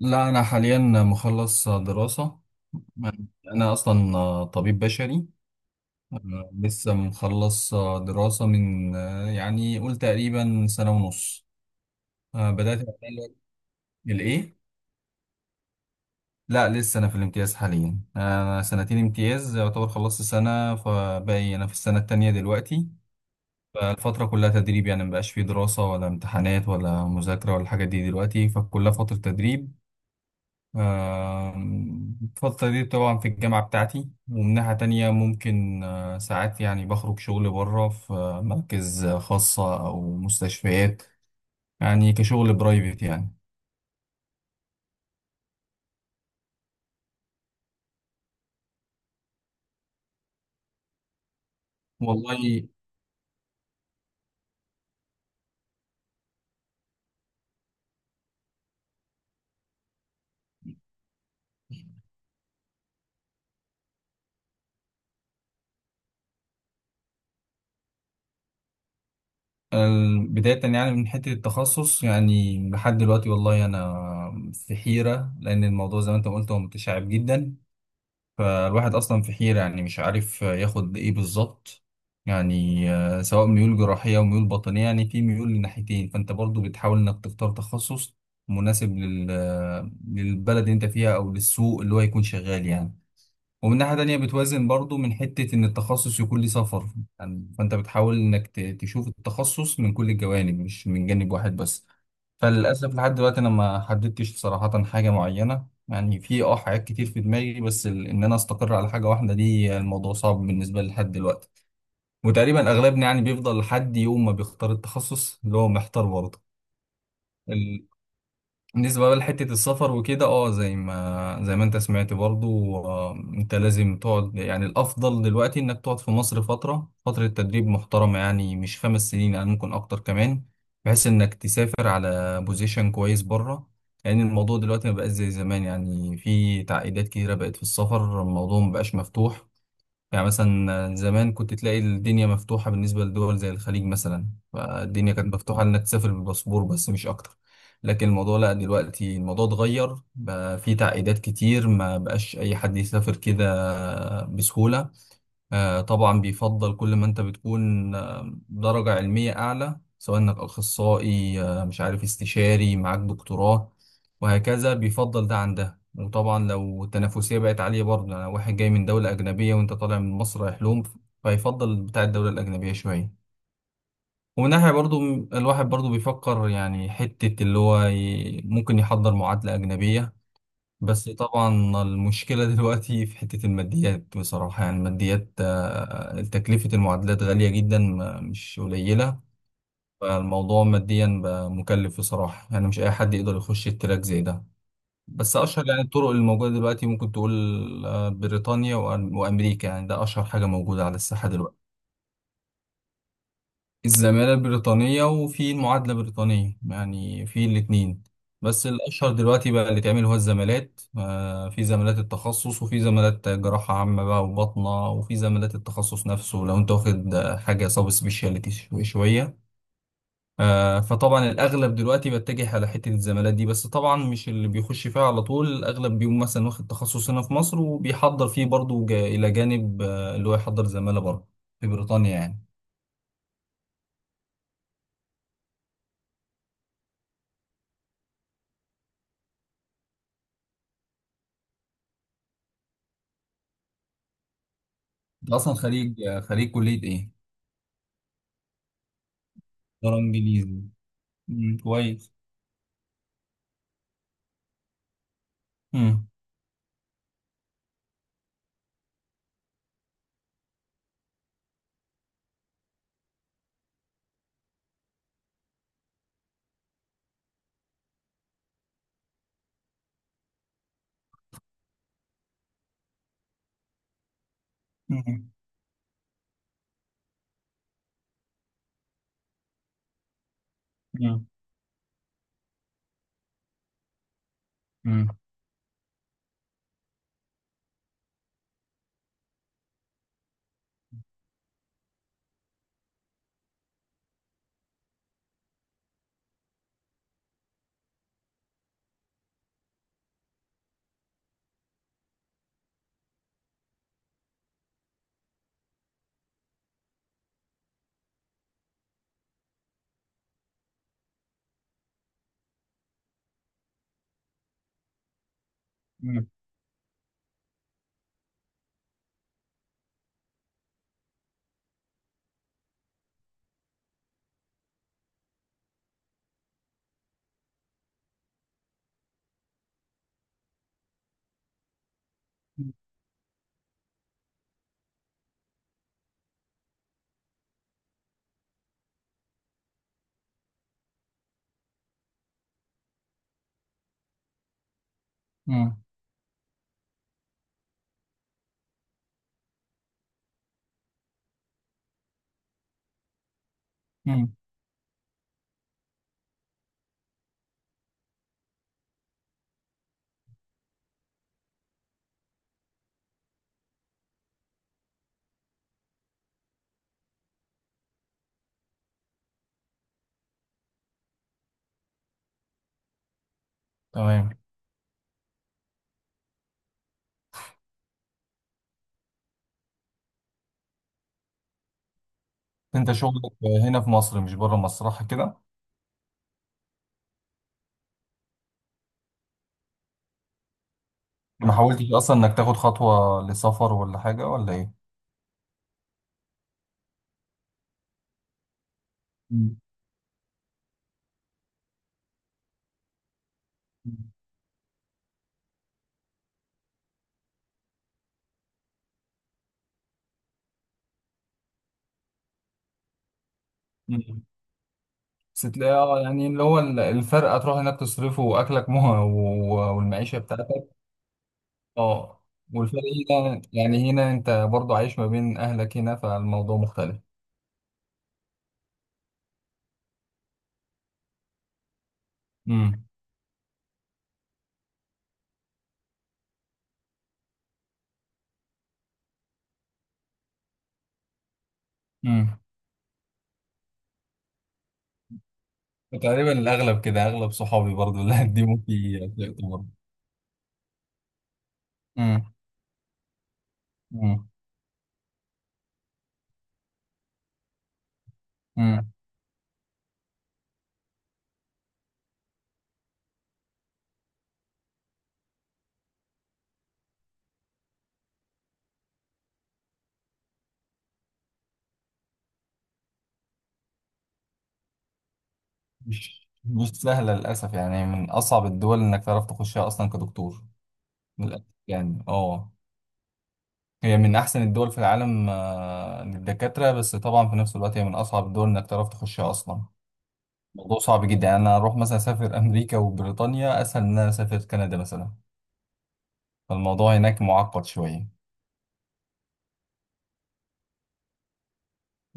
لا، أنا حاليا مخلص دراسة. أنا أصلا طبيب بشري لسه مخلص دراسة من، يعني قول، تقريبا سنة ونص. بدأت أتعلم الإيه؟ لا، لسه أنا في الامتياز حاليا، أنا سنتين امتياز يعتبر خلصت سنة فباقي أنا في السنة التانية دلوقتي. فالفترة كلها تدريب، يعني مبقاش فيه دراسة ولا امتحانات ولا مذاكرة ولا الحاجات دي دلوقتي، فكلها فترة تدريب. الفترة دي طبعا في الجامعة بتاعتي. ومن ناحية تانية ممكن ساعات، يعني بخرج شغل بره في مراكز خاصة أو مستشفيات، يعني كشغل برايفت يعني. والله. آه، بداية يعني من حتة التخصص، يعني لحد دلوقتي والله أنا في حيرة، لأن الموضوع زي ما أنت قلت هو متشعب جدا. فالواحد أصلا في حيرة، يعني مش عارف ياخد إيه بالظبط. يعني سواء ميول جراحية أو ميول باطنية، يعني في ميول لناحيتين، فأنت برضو بتحاول إنك تختار تخصص مناسب لل... آه، للبلد اللي أنت فيها أو للسوق اللي هو يكون شغال يعني. ومن ناحية تانية بتوازن برضو من حتة إن التخصص يكون ليه سفر. يعني فأنت بتحاول إنك تشوف التخصص من كل الجوانب مش من جانب واحد بس. فللأسف لحد دلوقتي أنا ما حددتش صراحة حاجة معينة، يعني في حاجات كتير في دماغي، بس إن أنا أستقر على حاجة واحدة دي الموضوع صعب بالنسبة لي لحد دلوقتي. وتقريبا أغلبنا يعني بيفضل لحد يوم ما بيختار التخصص اللي هو محتار برضه. بالنسبة بقى لحتة السفر وكده، زي ما انت سمعت برضو، انت لازم تقعد، يعني الافضل دلوقتي انك تقعد في مصر فترة، فترة تدريب محترمة، يعني مش 5 سنين، يعني ممكن اكتر كمان، بحيث انك تسافر على بوزيشن كويس بره. لان يعني الموضوع دلوقتي ما بقاش زي زمان، يعني في تعقيدات كتيرة بقت في السفر، الموضوع ما بقاش مفتوح. يعني مثلا زمان كنت تلاقي الدنيا مفتوحة بالنسبة لدول زي الخليج مثلا، فالدنيا كانت مفتوحة إنك تسافر بالباسبور بس مش أكتر. لكن الموضوع، لا، دلوقتي الموضوع اتغير بقى، فيه تعقيدات كتير، ما بقاش أي حد يسافر كده بسهولة. طبعا بيفضل كل ما انت بتكون درجة علمية أعلى، سواء انك أخصائي، مش عارف، استشاري، معاك دكتوراه، وهكذا. بيفضل ده عن ده. وطبعا لو التنافسية بقت عالية برضه، يعني واحد جاي من دولة أجنبية وانت طالع من مصر، هيحلم، فيفضل بتاع الدولة الأجنبية شوية. ومن ناحية برضه الواحد برضه بيفكر، يعني حتة اللي هو ممكن يحضر معادلة أجنبية. بس طبعا المشكلة دلوقتي في حتة الماديات بصراحة، يعني الماديات، تكلفة المعادلات غالية جدا، مش قليلة. فالموضوع ماديا بقى مكلف بصراحة، يعني مش أي حد يقدر يخش التراك زي ده. بس أشهر يعني الطرق الموجودة دلوقتي، ممكن تقول بريطانيا وأمريكا، يعني ده أشهر حاجة موجودة على الساحة دلوقتي. الزمالة البريطانية وفي المعادلة البريطانية، يعني في الاتنين. بس الأشهر دلوقتي بقى اللي اتعمل هو الزمالات. في زمالات التخصص، وفي زمالات جراحة عامة بقى وباطنة، وفي زمالات التخصص نفسه لو انت واخد حاجة سبيشاليتي شوية. فطبعا الأغلب دلوقتي بتجه على حتة الزمالات دي. بس طبعا مش اللي بيخش فيها على طول، الأغلب بيقوم مثلا واخد تخصص هنا في مصر وبيحضر فيه برضه إلى جانب اللي هو يحضر زمالة بره في بريطانيا يعني. انت أصلا خريج، خريج كلية إيه؟ دولار انجليزي. مم، كويس. مم. مم. مم. مم. مم. مم. مم. تمام. انت شغلك هنا في مصر مش بره مصر، صح كده؟ ما حاولتش اصلا انك تاخد خطوة لسفر ولا حاجة ولا ايه؟ مم. مم. بس تلاقي، يعني، اللي هو الفرق تروح هناك تصرفه، واكلك مها، والمعيشه بتاعتك. اه. والفرق هنا، يعني هنا انت برضو عايش ما بين اهلك هنا، فالموضوع مختلف. مم. مم. تقريبا الاغلب كده، اغلب صحابي برضو اللي هتديموا في افلام برضو. امم. امم. امم. مش سهله للاسف، يعني من اصعب الدول انك تعرف تخشها اصلا كدكتور. للاسف يعني. اه. هي من احسن الدول في العالم للدكاتره. بس طبعا في نفس الوقت هي من اصعب الدول انك تعرف تخشها اصلا. الموضوع صعب جدا، يعني انا اروح مثلا اسافر امريكا وبريطانيا اسهل من ان انا اسافر كندا مثلا. فالموضوع هناك معقد شويه.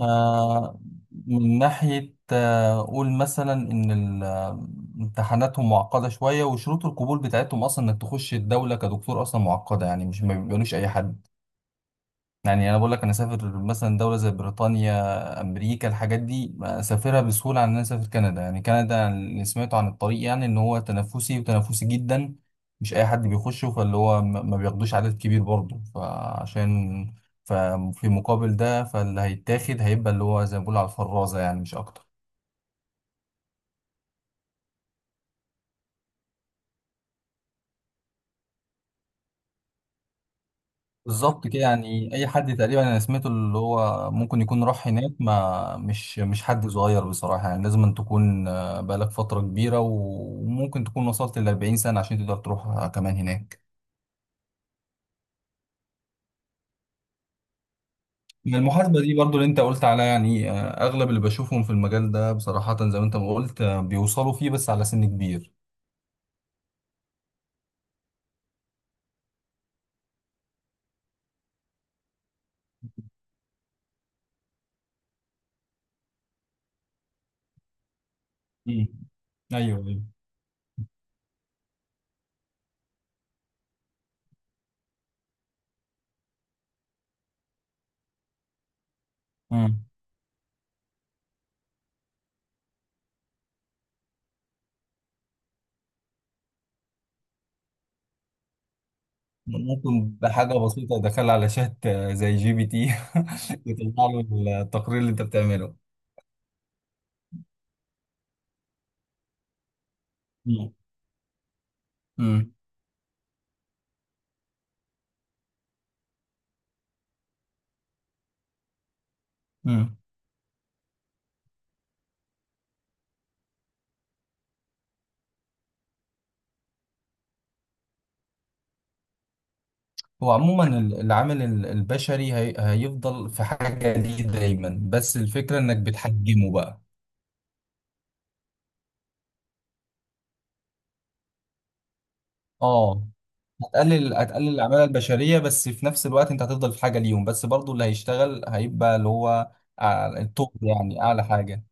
آه، من ناحية، قول مثلا إن امتحاناتهم معقدة شوية، وشروط القبول بتاعتهم أصلا إنك تخش الدولة كدكتور أصلا معقدة، يعني مش، ما بيقبلوش أي حد. يعني انا بقول لك انا اسافر مثلا دوله زي بريطانيا، امريكا، الحاجات دي اسافرها بسهوله عن ان انا اسافر كندا. يعني كندا، اللي سمعته عن الطريق يعني ان هو تنافسي وتنافسي جدا، مش اي حد بيخشه، فاللي هو ما بياخدوش عدد كبير برضه فعشان، ففي مقابل ده فاللي هيتاخد هيبقى اللي هو زي ما بيقولوا على الفرازه، يعني مش اكتر. بالظبط كده، يعني اي حد تقريبا انا سمعته اللي هو ممكن يكون راح هناك ما مش حد صغير بصراحه، يعني لازم أن تكون بقالك فتره كبيره، وممكن تكون وصلت ل 40 سنه عشان تقدر تروح كمان هناك. من المحاسبه دي برضو اللي انت قلت عليها، يعني اغلب اللي بشوفهم في المجال ده بصراحه زي ما انت ما قلت، بيوصلوا فيه بس على سن كبير. مم. ايوه، ايوه. مم. ممكن بحاجه بسيطه، دخل على شات زي GPT يطلع له التقرير اللي انت بتعمله. مم. مم. مم. هو عموما العامل البشري هيفضل في حاجة ليه دايما، بس الفكرة انك بتحجمه بقى. اه. هتقلل العمالة البشرية، بس في نفس الوقت انت هتفضل في حاجة ليهم، بس برضو اللي هيشتغل هيبقى اللي هو أع- التوب، يعني اعلى حاجة.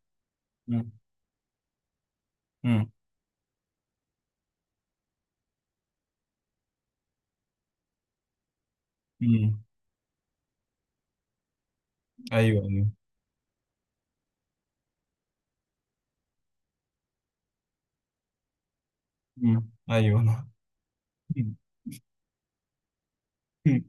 مم. مم. مم. ايوه، ايوه. مم. ايوه. مم.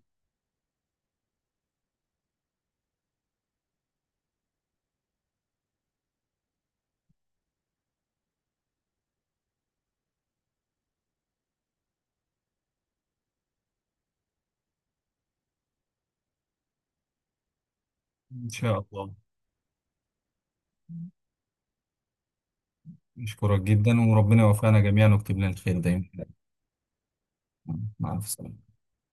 ان شاء الله. نشكرك جدا، وربنا يوفقنا جميعا ويكتب لنا الخير دايما. مع السلامة.